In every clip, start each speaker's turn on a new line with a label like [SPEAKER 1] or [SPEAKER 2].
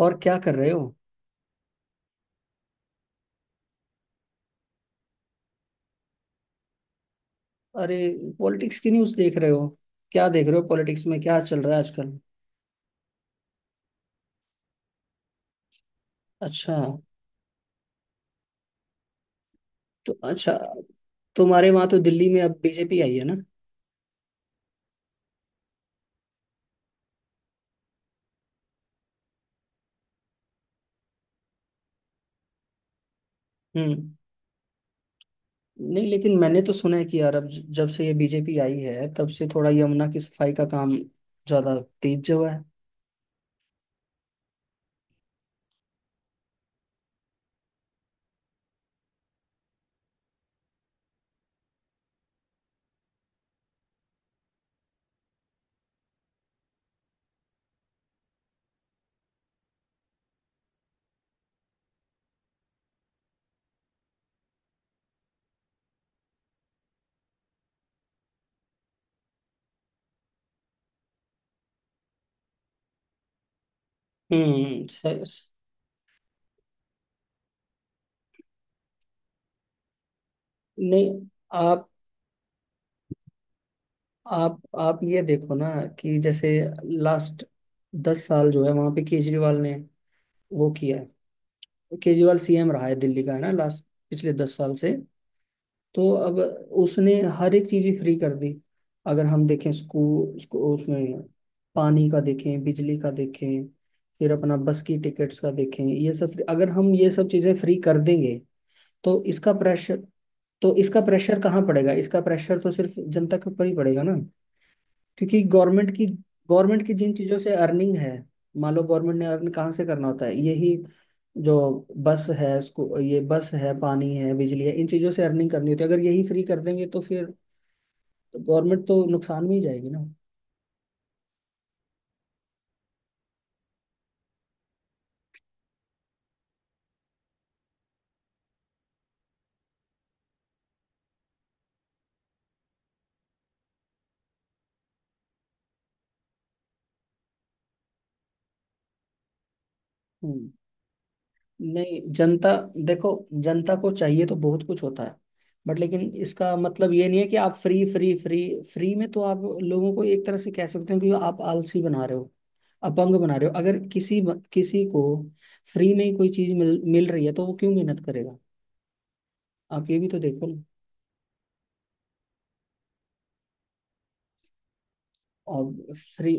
[SPEAKER 1] और क्या कर रहे हो। अरे, पॉलिटिक्स की न्यूज़ देख रहे हो? क्या देख रहे हो, पॉलिटिक्स में क्या चल रहा है आजकल? अच्छा। तो अच्छा, तुम्हारे वहां तो दिल्ली में अब बीजेपी आई है ना। हम्म। नहीं, लेकिन मैंने तो सुना है कि यार अब जब से ये बीजेपी आई है तब से थोड़ा यमुना की सफाई का काम ज्यादा तेज हुआ है। हम्म। स- नहीं, आप आप ये देखो ना, कि जैसे लास्ट 10 साल जो है वहां पे केजरीवाल ने वो किया है। केजरीवाल सीएम रहा है दिल्ली का, है ना, लास्ट पिछले 10 साल से। तो अब उसने हर एक चीज ही फ्री कर दी। अगर हम देखें, स्कूल उसको उसमें, पानी का देखें, बिजली का देखें, फिर अपना बस की टिकट्स का देखें, ये सब अगर हम ये सब चीजें फ्री कर देंगे तो इसका प्रेशर तो इसका प्रेशर कहाँ पड़ेगा, इसका प्रेशर तो सिर्फ जनता के ऊपर ही पड़ेगा ना। क्योंकि गवर्नमेंट की जिन चीज़ों से अर्निंग है, मान लो गवर्नमेंट ने अर्न कहाँ से करना होता है, यही जो बस है इसको, ये बस है, पानी है, बिजली है, इन चीज़ों से अर्निंग करनी होती है। अगर यही फ्री कर देंगे तो फिर गवर्नमेंट तो नुकसान में ही जाएगी ना। हम्म। नहीं, जनता, देखो, जनता को चाहिए तो बहुत कुछ होता है, बट लेकिन इसका मतलब ये नहीं है कि आप फ्री फ्री फ्री। फ्री में तो आप लोगों को एक तरह से कह सकते हो कि आप आलसी बना रहे हो, अपंग बना रहे हो। अगर किसी, किसी को फ्री में ही कोई चीज मिल मिल रही है तो वो क्यों मेहनत करेगा? आप ये भी तो देखो ना। और फ्री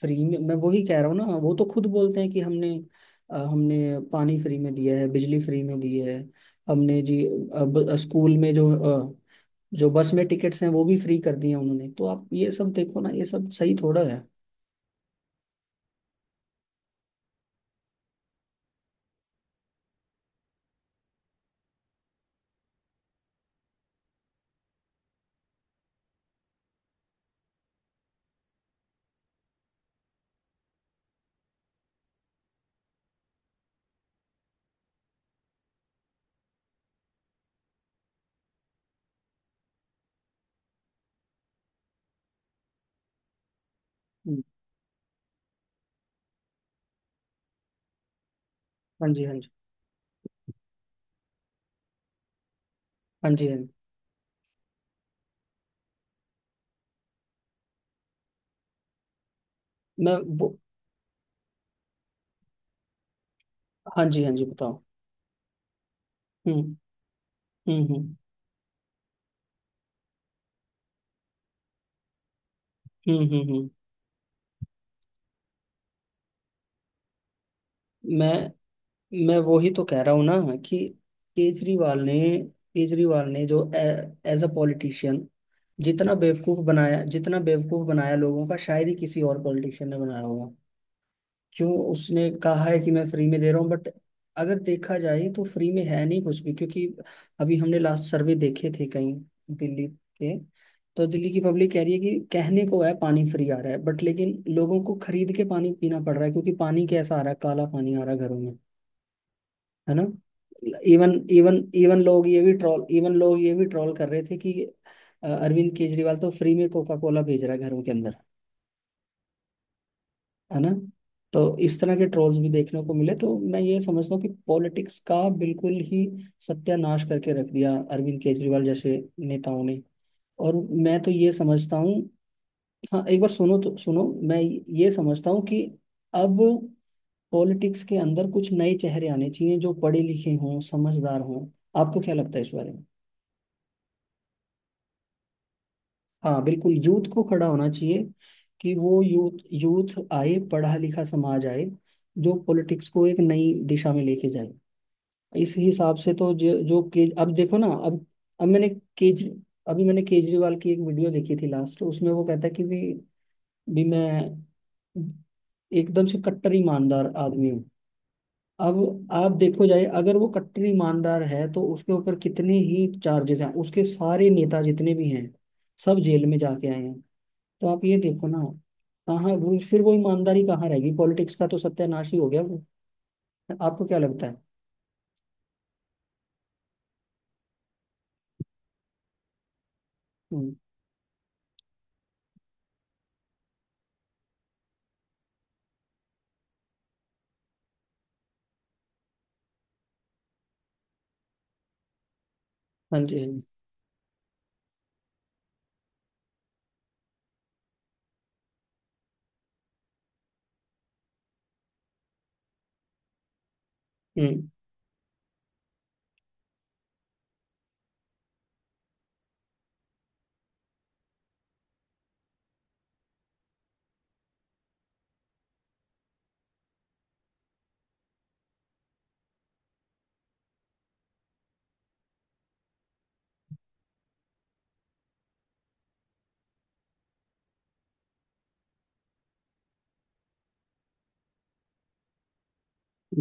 [SPEAKER 1] फ्री में मैं वही कह रहा हूँ ना, वो तो खुद बोलते हैं कि हमने हमने पानी फ्री में दिया है, बिजली फ्री में दी है, हमने जी स्कूल में जो जो बस में टिकट्स हैं वो भी फ्री कर दिए हैं उन्होंने। तो आप ये सब देखो ना, ये सब सही थोड़ा है। हम्म, हाँ जी, हाँ जी। हाँ जी, हाँ जी, मैं वो, हाँ जी, हाँ जी, बताओ। हम्म, हम्म, हम्म, हम्म, हम्म, मैं मैं वही तो कह रहा हूँ ना, कि केजरीवाल ने केजरीवाल ने जो एज अ पॉलिटिशियन जितना बेवकूफ बनाया, जितना बेवकूफ बनाया लोगों का, शायद ही किसी और पॉलिटिशियन ने बनाया होगा। क्यों उसने कहा है कि मैं फ्री में दे रहा हूँ, बट अगर देखा जाए तो फ्री में है नहीं कुछ भी, क्योंकि अभी हमने लास्ट सर्वे देखे थे कहीं, दिल्ली के। तो दिल्ली की पब्लिक कह रही है कि कहने को है पानी फ्री आ रहा है, बट लेकिन लोगों को खरीद के पानी पीना पड़ रहा है, क्योंकि पानी कैसा आ रहा है, काला पानी आ रहा है घरों में, है ना। इवन इवन इवन लोग ये भी ट्रोल इवन लोग ये भी ट्रोल कर रहे थे कि अरविंद केजरीवाल तो फ्री में कोका कोला भेज रहा है घरों के अंदर, है ना। तो इस तरह के ट्रोल्स भी देखने को मिले। तो मैं ये समझता हूँ कि पॉलिटिक्स का बिल्कुल ही सत्यानाश करके रख दिया अरविंद केजरीवाल जैसे नेताओं ने। और मैं तो ये समझता हूँ, हाँ एक बार सुनो तो, सुनो मैं ये समझता हूँ कि अब पॉलिटिक्स के अंदर कुछ नए चेहरे आने चाहिए जो पढ़े लिखे हों, समझदार हों। आपको क्या लगता है इस बारे में? हाँ बिल्कुल, यूथ को खड़ा होना चाहिए, कि वो यूथ यूथ आए, पढ़ा लिखा समाज आए, जो पॉलिटिक्स को एक नई दिशा में लेके जाए। इस हिसाब से तो जो जो के, अब देखो ना, अब मैंने केज अभी मैंने केजरीवाल की एक वीडियो देखी थी लास्ट, उसमें वो कहता है कि भी मैं एकदम से कट्टर ईमानदार आदमी हूँ। अब आप देखो जाए, अगर वो कट्टर ईमानदार है तो उसके ऊपर कितने ही चार्जेस हैं, उसके सारे नेता जितने भी हैं सब जेल में जाके आए हैं। तो आप ये देखो ना, कहाँ वो, फिर वो ईमानदारी कहाँ रहेगी, पॉलिटिक्स का तो सत्यानाश ही हो गया वो। आपको क्या लगता है? हम्म, हाँ जी, हाँ जी। हम्म।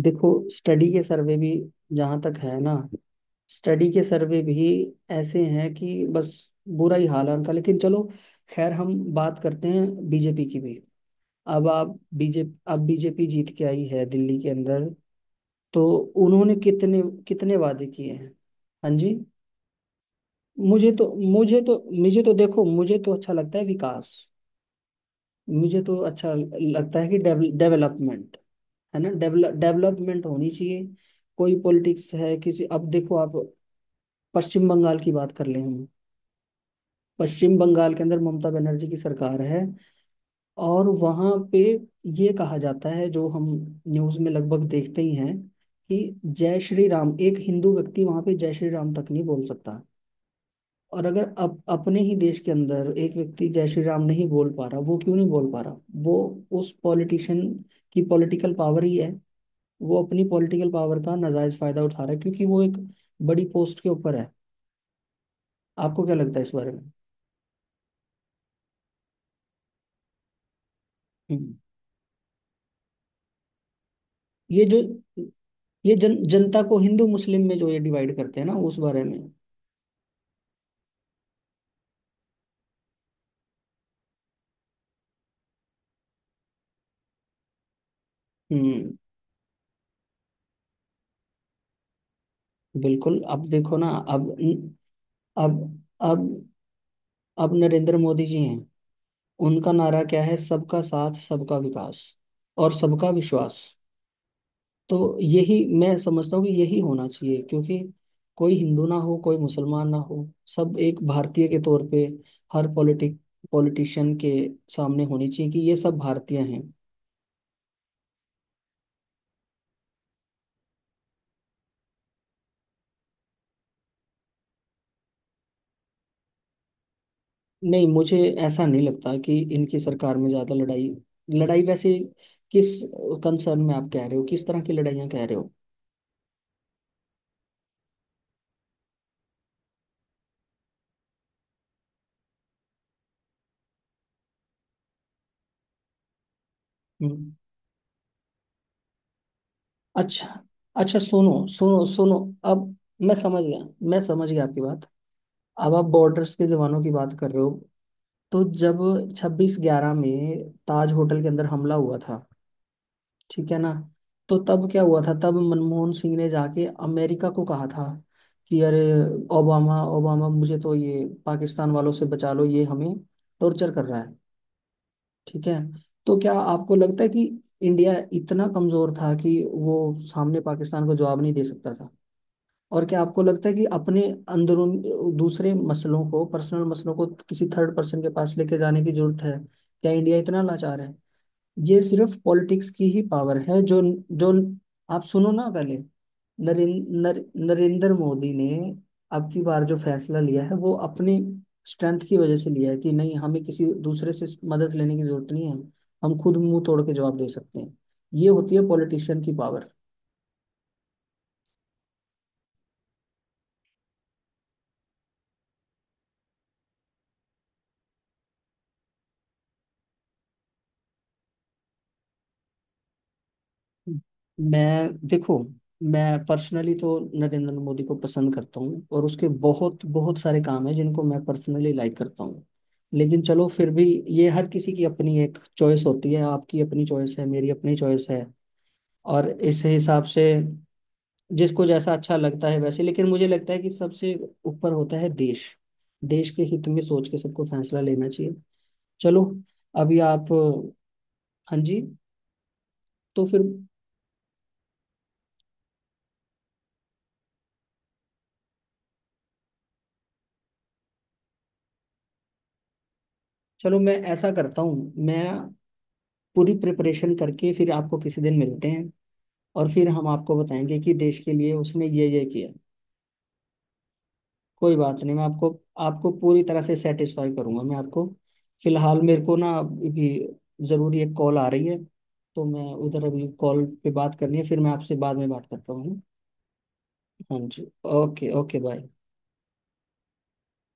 [SPEAKER 1] देखो, स्टडी के सर्वे भी जहाँ तक है ना, स्टडी के सर्वे भी ऐसे हैं कि बस, बुरा ही हाल है उनका। लेकिन चलो, खैर हम बात करते हैं बीजेपी की भी। अब बीजेपी जीत के आई है दिल्ली के अंदर, तो उन्होंने कितने, कितने वादे किए हैं। हाँ जी। मुझे तो मुझे तो मुझे तो देखो, मुझे तो अच्छा लगता है विकास, मुझे तो अच्छा लगता है कि डेवलपमेंट, है ना, डेवलपमेंट होनी चाहिए। कोई पॉलिटिक्स है, किसी, अब देखो आप पश्चिम बंगाल की बात कर लें हम। पश्चिम बंगाल के अंदर ममता बनर्जी की सरकार है, और वहाँ पे ये कहा जाता है, जो हम न्यूज़ में लगभग देखते ही हैं, कि जय श्री राम, एक हिंदू व्यक्ति वहाँ पे जय श्री राम तक नहीं बोल सकता। और अगर अपने ही देश के अंदर एक व्यक्ति जय श्री राम नहीं बोल पा रहा, वो क्यों नहीं बोल पा रहा, वो उस पॉलिटिशियन की पॉलिटिकल पावर ही है। वो अपनी पॉलिटिकल पावर का नाजायज फायदा उठा रहा है, क्योंकि वो एक बड़ी पोस्ट के ऊपर है। आपको क्या लगता है इस बारे में? हम्म। ये जो ये जन जनता को हिंदू मुस्लिम में जो ये डिवाइड करते हैं ना, उस बारे में। हम्म। बिल्कुल, अब देखो ना, अब अब अब अब नरेंद्र मोदी जी हैं, उनका नारा क्या है, सबका साथ सबका विकास, और सबका विश्वास। तो यही मैं समझता हूँ कि यही होना चाहिए, क्योंकि कोई हिंदू ना हो, कोई मुसलमान ना हो, सब एक भारतीय के तौर पे हर पॉलिटिक पॉलिटिशियन के सामने होनी चाहिए कि ये सब भारतीय हैं। नहीं, मुझे ऐसा नहीं लगता कि इनकी सरकार में ज़्यादा लड़ाई लड़ाई वैसे किस कंसर्न में आप कह रहे हो, किस तरह की लड़ाइयाँ कह रहे हो? हम्म। अच्छा, अच्छा, सुनो, सुनो, सुनो, अब मैं समझ गया, मैं समझ गया आपकी बात। अब आप बॉर्डर्स के जवानों की बात कर रहे हो। तो जब 26/11 में ताज होटल के अंदर हमला हुआ था, ठीक है ना, तो तब क्या हुआ था, तब मनमोहन सिंह ने जाके अमेरिका को कहा था कि अरे ओबामा, ओबामा मुझे तो ये पाकिस्तान वालों से बचा लो, ये हमें टॉर्चर कर रहा है। ठीक है। तो क्या आपको लगता है कि इंडिया इतना कमजोर था कि वो सामने पाकिस्तान को जवाब नहीं दे सकता, और क्या आपको लगता है कि अपने अंदरून दूसरे मसलों को, पर्सनल मसलों को किसी थर्ड पर्सन के पास लेके जाने की जरूरत है? क्या इंडिया इतना लाचार है? ये सिर्फ पॉलिटिक्स की ही पावर है जो जो आप सुनो ना पहले, नरें, नरेंद्र मोदी ने अब की बार जो फैसला लिया है वो अपने स्ट्रेंथ की वजह से लिया है, कि नहीं हमें किसी दूसरे से मदद लेने की जरूरत नहीं है, हम खुद मुंह तोड़ के जवाब दे सकते हैं। ये होती है पॉलिटिशियन की पावर। मैं देखो, मैं पर्सनली तो नरेंद्र मोदी को पसंद करता हूँ, और उसके बहुत बहुत सारे काम हैं जिनको मैं पर्सनली लाइक करता हूँ। लेकिन चलो फिर भी, ये हर किसी की अपनी एक चॉइस होती है, आपकी अपनी चॉइस है, मेरी अपनी चॉइस है, और इस हिसाब से जिसको जैसा अच्छा लगता है वैसे, लेकिन मुझे लगता है कि सबसे ऊपर होता है देश। देश के हित में सोच के सबको फैसला लेना चाहिए। चलो, अभी आप, हाँ जी, तो फिर, चलो मैं ऐसा करता हूँ, मैं पूरी प्रिपरेशन करके फिर आपको किसी दिन मिलते हैं, और फिर हम आपको बताएंगे कि देश के लिए उसने ये किया। कोई बात नहीं, मैं आपको आपको पूरी तरह से सेटिस्फाई करूंगा। मैं आपको फिलहाल मेरे को ना, अभी ज़रूरी एक कॉल आ रही है, तो मैं उधर अभी कॉल पे बात करनी है, फिर मैं आपसे बाद में बात करता हूँ। हाँ जी, ओके, ओके, बाय।